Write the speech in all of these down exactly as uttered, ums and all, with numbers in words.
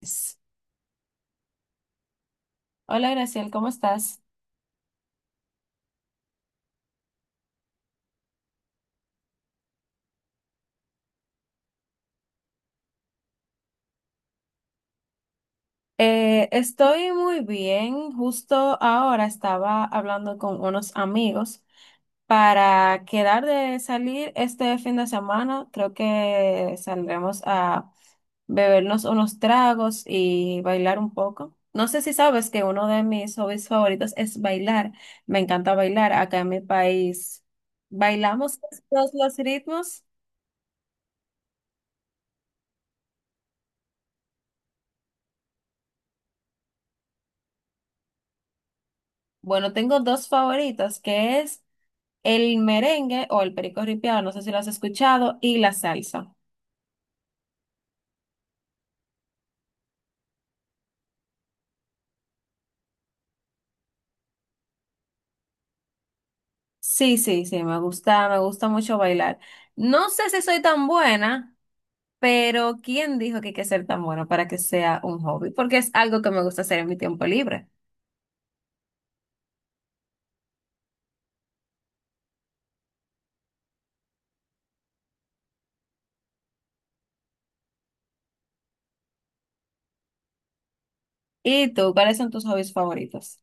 Yes. Hola Graciel, ¿cómo estás? Eh, estoy muy bien. Justo ahora estaba hablando con unos amigos para quedar de salir este fin de semana. Creo que saldremos a bebernos unos tragos y bailar un poco. No sé si sabes que uno de mis hobbies favoritos es bailar. Me encanta bailar. Acá en mi país bailamos todos los ritmos. Bueno, tengo dos favoritos, que es el merengue o el perico ripiado, no sé si lo has escuchado, y la salsa. Sí, sí, sí, me gusta, me gusta mucho bailar. No sé si soy tan buena, pero ¿quién dijo que hay que ser tan buena para que sea un hobby? Porque es algo que me gusta hacer en mi tiempo libre. ¿Y tú, cuáles son tus hobbies favoritos?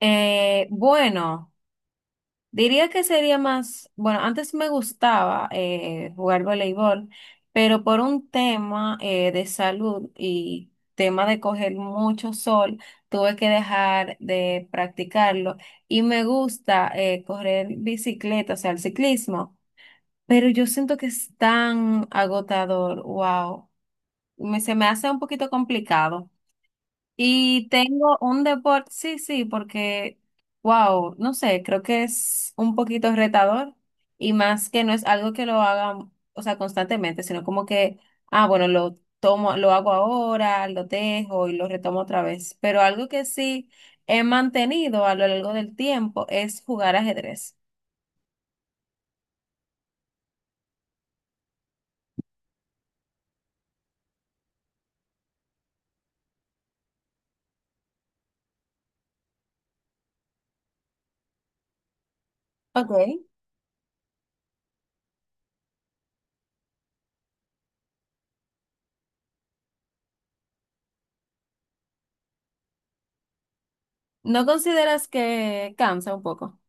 Eh, bueno. Diría que sería más, bueno, antes me gustaba eh, jugar voleibol, pero por un tema eh, de salud y tema de coger mucho sol, tuve que dejar de practicarlo y me gusta eh, correr bicicleta, o sea, el ciclismo, pero yo siento que es tan agotador, wow, me, se me hace un poquito complicado. Y tengo un deporte, sí, sí, porque, wow, no sé, creo que es un poquito retador y más que no es algo que lo haga, o sea, constantemente, sino como que, ah, bueno, lo tomo, lo hago ahora, lo dejo y lo retomo otra vez. Pero algo que sí he mantenido a lo largo del tiempo es jugar ajedrez. Okay. ¿No consideras que cansa un poco?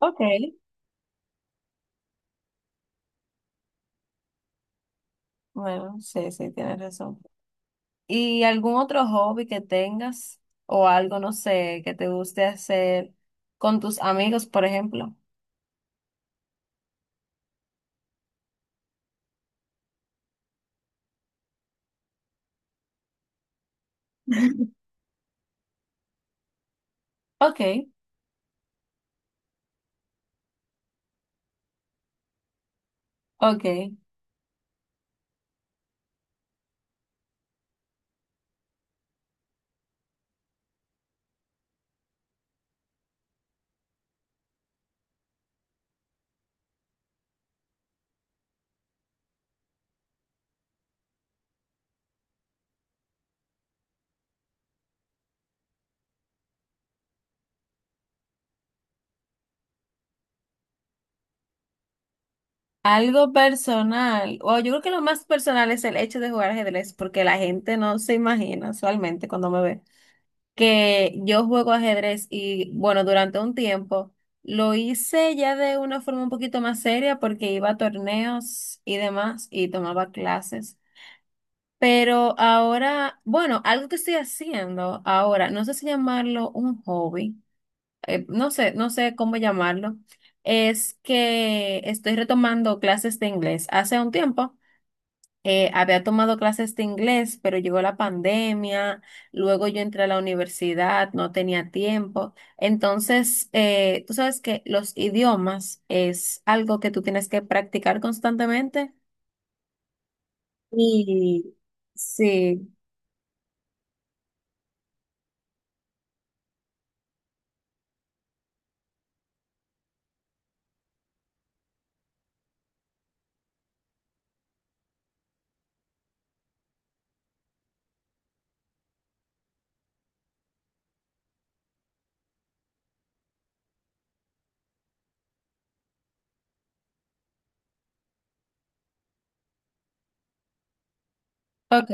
Okay. Bueno, sí, sí, tienes razón. ¿Y algún otro hobby que tengas o algo, no sé, que te guste hacer con tus amigos, por ejemplo? Ok, ok. Algo personal, o yo creo que lo más personal es el hecho de jugar ajedrez, porque la gente no se imagina usualmente cuando me ve que yo juego ajedrez y bueno, durante un tiempo lo hice ya de una forma un poquito más seria porque iba a torneos y demás y tomaba clases. Pero ahora, bueno, algo que estoy haciendo ahora, no sé si llamarlo un hobby, eh, no sé, no sé cómo llamarlo, es que estoy retomando clases de inglés. Hace un tiempo eh, había tomado clases de inglés, pero llegó la pandemia, luego yo entré a la universidad, no tenía tiempo. Entonces, eh, tú sabes que los idiomas es algo que tú tienes que practicar constantemente. Y sí, ok.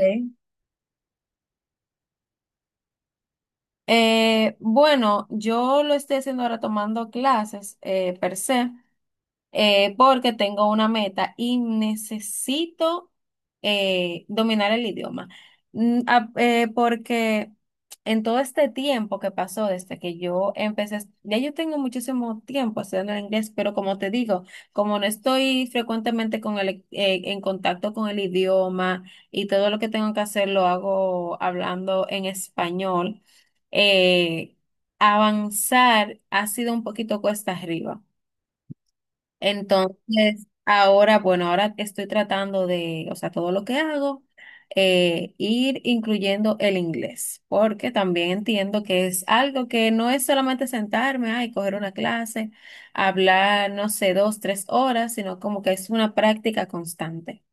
Eh, bueno, yo lo estoy haciendo ahora tomando clases eh, per se eh, porque tengo una meta y necesito eh, dominar el idioma. Mm, a- eh, porque en todo este tiempo que pasó desde que yo empecé, a est- ya yo tengo muchísimo tiempo estudiando el inglés, pero como te digo, como no estoy frecuentemente con el, eh, en contacto con el idioma y todo lo que tengo que hacer lo hago hablando en español, eh, avanzar ha sido un poquito cuesta arriba. Entonces, ahora, bueno, ahora estoy tratando de, o sea, todo lo que hago, eh, ir incluyendo el inglés, porque también entiendo que es algo que no es solamente sentarme, ay, coger una clase, hablar, no sé, dos, tres horas, sino como que es una práctica constante.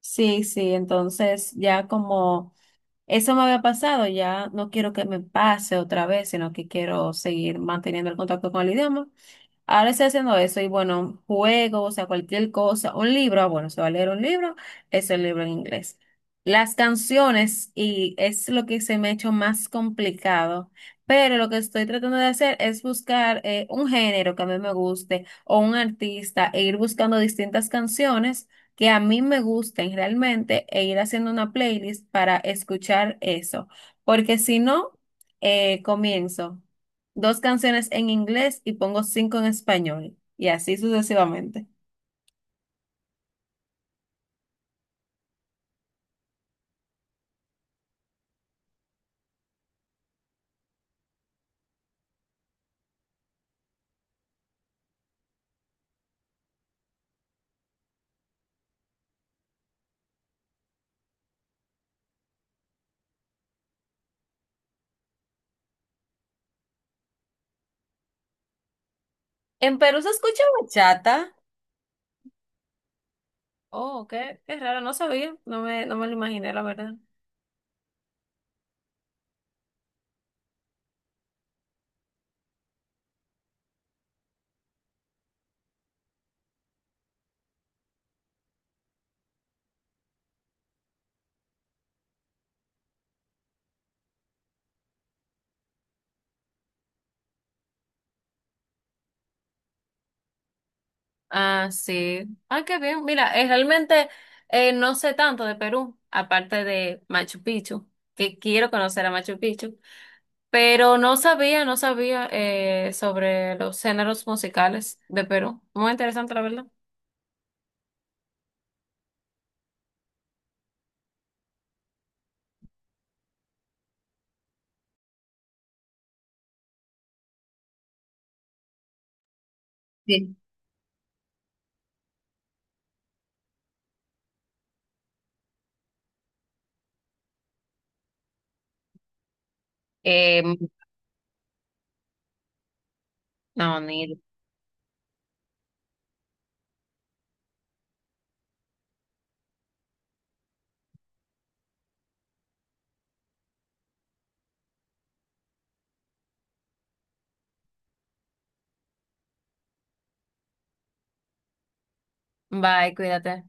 Sí, sí, entonces ya como eso me había pasado, ya no quiero que me pase otra vez, sino que quiero seguir manteniendo el contacto con el idioma. Ahora estoy haciendo eso y bueno, juego, o sea, cualquier cosa, un libro, ah, bueno, se va a leer un libro, es el libro en inglés. Las canciones, y es lo que se me ha hecho más complicado, pero lo que estoy tratando de hacer es buscar eh, un género que a mí me guste o un artista e ir buscando distintas canciones que a mí me gusten realmente e ir haciendo una playlist para escuchar eso, porque si no, eh, comienzo dos canciones en inglés y pongo cinco en español. Y así sucesivamente. En Perú se escucha bachata. Oh, qué, qué raro, no sabía, no me, no me lo imaginé, la verdad. Ah, sí. Ah, qué bien. Mira, eh, realmente eh, no sé tanto de Perú, aparte de Machu Picchu, que quiero conocer a Machu Picchu, pero no sabía, no sabía eh, sobre los géneros musicales de Perú. Muy interesante, la verdad. Sí. Eh, no, ni. Bye, cuídate.